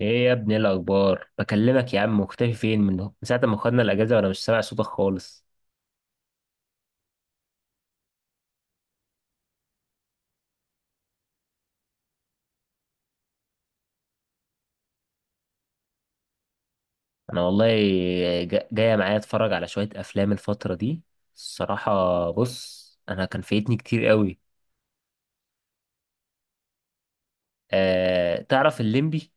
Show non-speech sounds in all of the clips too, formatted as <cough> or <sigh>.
ايه يا ابني، إيه الاخبار؟ بكلمك يا عم، مختفي فين من ساعه ما خدنا الاجازه وانا مش سامع صوتك خالص. انا والله جايه معايا اتفرج على شويه افلام الفتره دي. الصراحه بص، انا كان فايتني كتير قوي. أه تعرف الليمبي؟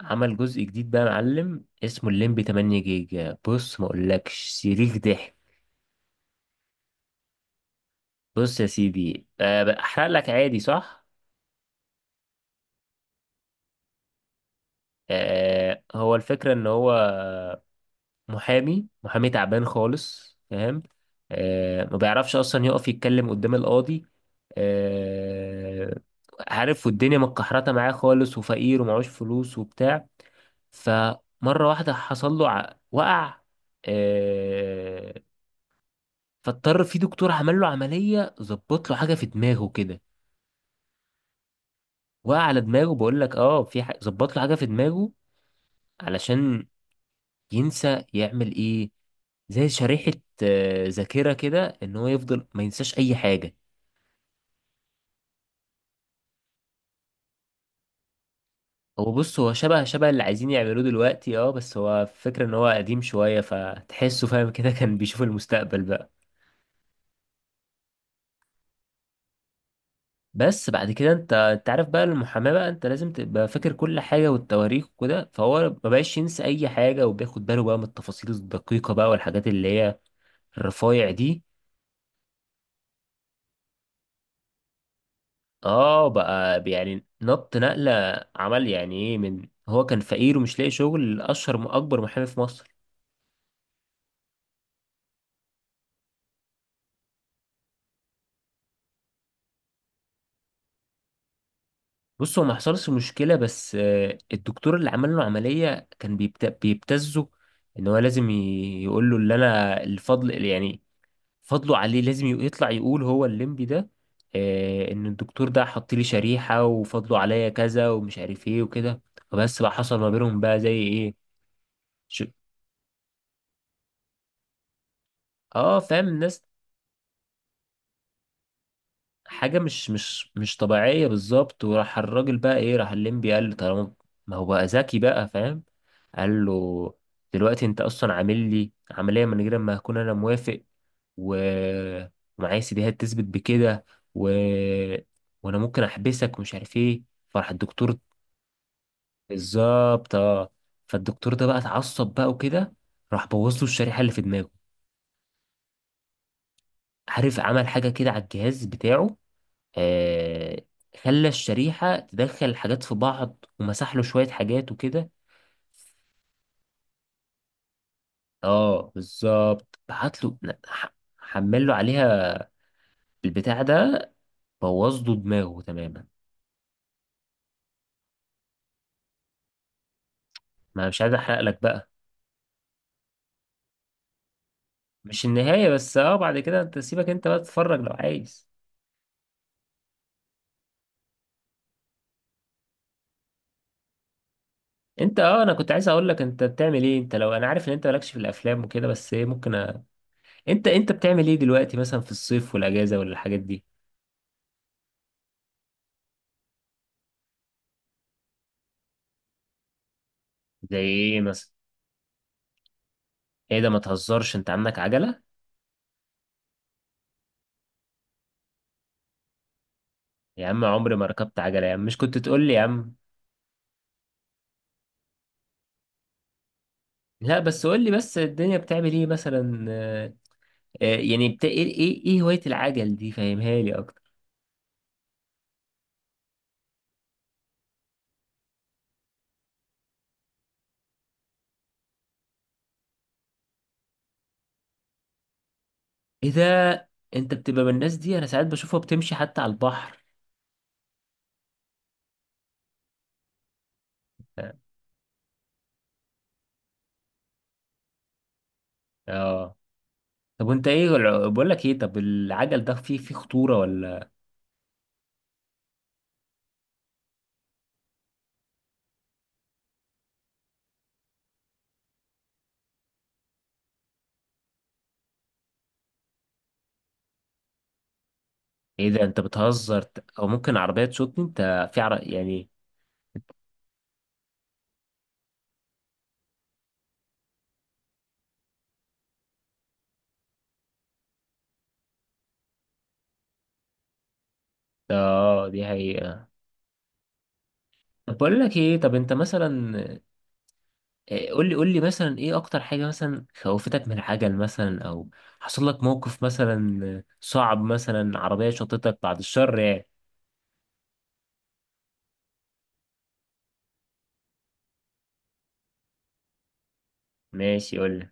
عمل جزء جديد بقى يا معلم، اسمه الليمبي 8 جيجا، بص ما اقولكش صريخ ضحك. بص يا سيدي، أه بحرق لك عادي، صح؟ أه، هو الفكره ان هو محامي تعبان خالص، فاهم؟ آه، ما بيعرفش اصلا يقف يتكلم قدام القاضي. آه، عارف، والدنيا متكحرته معاه خالص، وفقير ومعهوش فلوس وبتاع. فمره واحده حصل له وقع. آه، فاضطر في دكتور عمل له عمليه، ظبط له حاجه في دماغه كده. وقع على دماغه، بقول لك اه، في ظبط له حاجه في دماغه، علشان ينسى يعمل ايه. زي شريحة، آه، ذاكرة كده، ان هو يفضل ما ينساش اي حاجة. هو بص، هو شبه اللي عايزين يعملوه دلوقتي اه، بس هو فكرة ان هو قديم شوية، فتحسه فاهم كده <laughs> كان بيشوف المستقبل بقى. بس بعد كده انت عارف بقى المحاماة، بقى انت لازم تبقى فاكر كل حاجة والتواريخ وكده، فهو ما بقاش ينسى اي حاجة، وبياخد باله بقى من التفاصيل الدقيقة بقى والحاجات اللي هي الرفايع دي. اه بقى يعني نقلة، عمل يعني ايه، من هو كان فقير ومش لاقي شغل، اشهر اكبر محامي في مصر. بص، هو ما حصلش مشكلة، بس آه، الدكتور اللي عمل له عملية كان بيبتزه ان هو لازم يقول له اللي انا الفضل اللي يعني فضله عليه، لازم يطلع يقول هو الليمبي ده، آه، ان الدكتور ده حط لي شريحة وفضله عليا كذا ومش عارف ايه وكده. فبس بقى حصل ما بينهم بقى زي ايه. ش- اه، فاهم الناس، حاجة مش طبيعية بالظبط، وراح الراجل بقى ايه، راح الليمبي قال له طالما، ما هو بقى ذكي بقى فاهم، قال له دلوقتي انت اصلا عامل لي عملية من غير ما اكون انا موافق، و... ومعايا سيديهات تثبت بكده، و... وانا ممكن احبسك ومش عارف ايه، فراح الدكتور. بالظبط اه. فالدكتور ده بقى اتعصب بقى وكده، راح بوظ له الشريحة اللي في دماغه. عارف، عمل حاجة كده على الجهاز بتاعه، آه، خلى الشريحة تدخل حاجات في بعض، ومسح له شوية حاجات وكده. اه بالظبط، بعت له لا، حمل له عليها البتاع ده، بوظ له دماغه تماما. ما أنا مش عايز احرق لك بقى. مش النهاية، بس اه بعد كده انت سيبك، انت بقى تتفرج لو عايز. انت، اه انا كنت عايز اقول لك انت بتعمل ايه، انت لو انا عارف ان انت مالكش في الافلام وكده، بس ايه ممكن أ... انت بتعمل ايه دلوقتي مثلا في الصيف والاجازة، ولا الحاجات دي؟ زي ايه مثلا؟ ايه ده، ما تهزرش، انت عندك عجلة؟ يا عم عمري ما ركبت عجلة يا عم، مش كنت تقول لي يا عم؟ لا بس قول لي بس، الدنيا بتعمل ايه مثلا، يعني ايه ايه إيه هواية العجل دي؟ فهمها لي اكتر. ايه ده، انت بتبقى من الناس دي؟ انا ساعات بشوفها بتمشي حتى على البحر. اه. آه. طب وانت ايه بقول لك ايه، طب العجل ده فيه خطورة ولا؟ ايه ده انت بتهزر، او ممكن عربية تشوطني انت في يعني؟ اه دي حقيقة. طب بقول لك ايه، طب انت مثلا، إيه، قول لي مثلا ايه اكتر حاجة مثلا خوفتك من العجل مثلا، او حصل لك موقف مثلا صعب، مثلا عربية شطتك بعد الشر يعني؟ ماشي قول لي.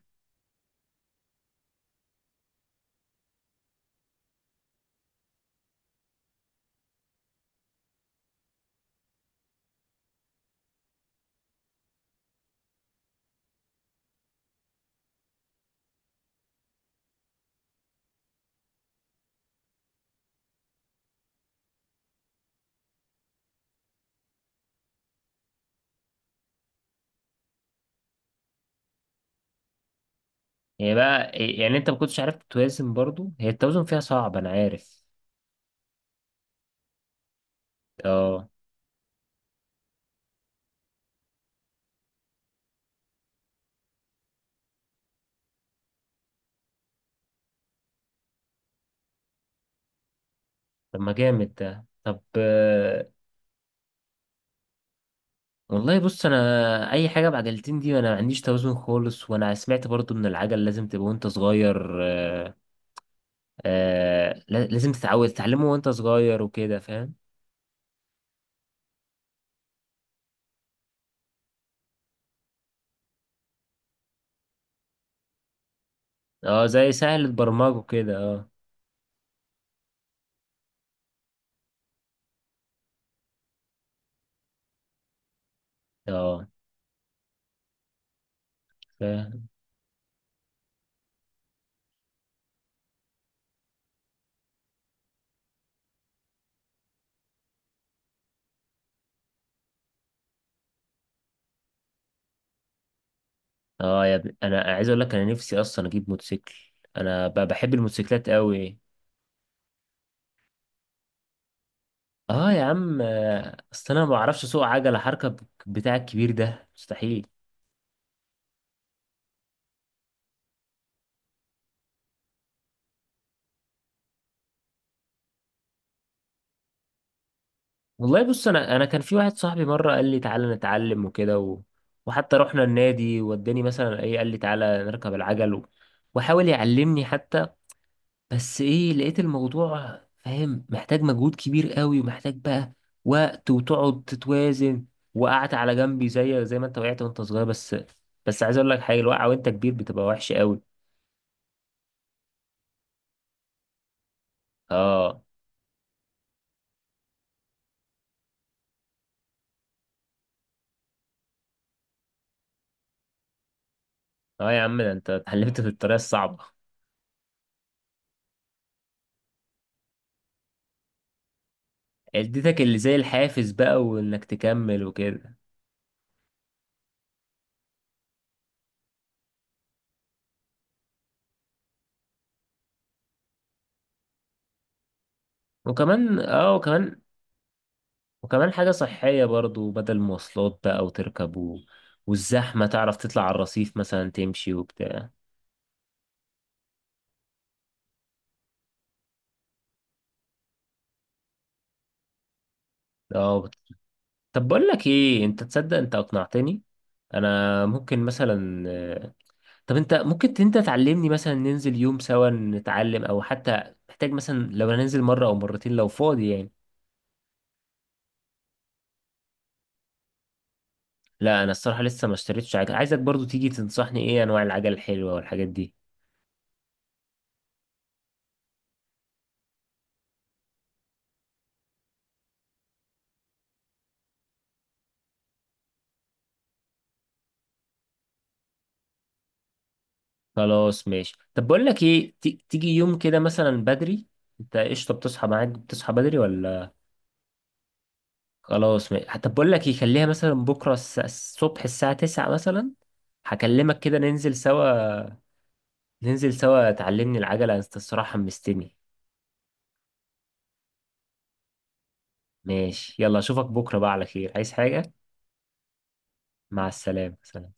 هي بقى إيه، يعني انت ما كنتش عارف توازن؟ برضو هي التوازن فيها صعب، انا عارف. اه. طب ما جامد ده، طب والله بص، انا اي حاجة بعجلتين دي انا ما عنديش توازن خالص، وانا سمعت برضو ان العجل لازم تبقى وانت صغير، لازم تتعود تتعلمه وانت صغير وكده، فاهم؟ اه زي سهل برمجه كده، اه. اه فاهم. اه يا ابني، انا عايز اقول لك انا نفسي اصلا اجيب موتوسيكل، انا بحب الموتوسيكلات قوي. اه يا عم، اصل انا ما بعرفش اسوق عجله حركه بتاع، الكبير ده مستحيل. والله بص، انا كان في واحد صاحبي مره قال لي تعالى نتعلم وكده، و... وحتى رحنا النادي، وداني مثلا ايه، قال لي تعالى نركب العجل و... وحاول يعلمني حتى. بس ايه، لقيت الموضوع فاهم محتاج مجهود كبير قوي، ومحتاج بقى وقت، وتقعد تتوازن، وقعت على جنبي زي ما انت وقعت وانت صغير، بس. بس عايز اقول لك حاجه، الوقعه وانت كبير بتبقى وحشه قوي. اه. اه يا عم، ده انت اتعلمت في الطريقه الصعبه. اديتك اللي زي الحافز بقى، وانك تكمل وكده. وكمان اه، وكمان، وكمان حاجه صحيه برضو، بدل مواصلات بقى وتركب و... والزحمه تعرف تطلع على الرصيف مثلا تمشي وبتاع. اه طب بقول لك ايه، انت تصدق انت اقنعتني؟ انا ممكن مثلا طب انت ممكن انت تعلمني مثلا، ننزل يوم سوا نتعلم، او حتى محتاج مثلا لو هننزل مرة او مرتين لو فاضي يعني؟ لا انا الصراحة لسه ما اشتريتش عجل، عايزك برضو تيجي تنصحني ايه انواع العجل الحلوة والحاجات دي. خلاص ماشي، طب بقول لك ايه، تيجي يوم كده مثلا بدري؟ انت قشطة، بتصحى معاك؟ بتصحى بدري ولا؟ خلاص حتى بقول لك يخليها مثلا بكرة الصبح الساعة 9 مثلا، هكلمك كده ننزل سوا. ننزل سوا تعلمني العجلة، انت الصراحة حمستني. ماشي يلا، اشوفك بكرة بقى على خير، عايز حاجة؟ مع السلامة، سلام.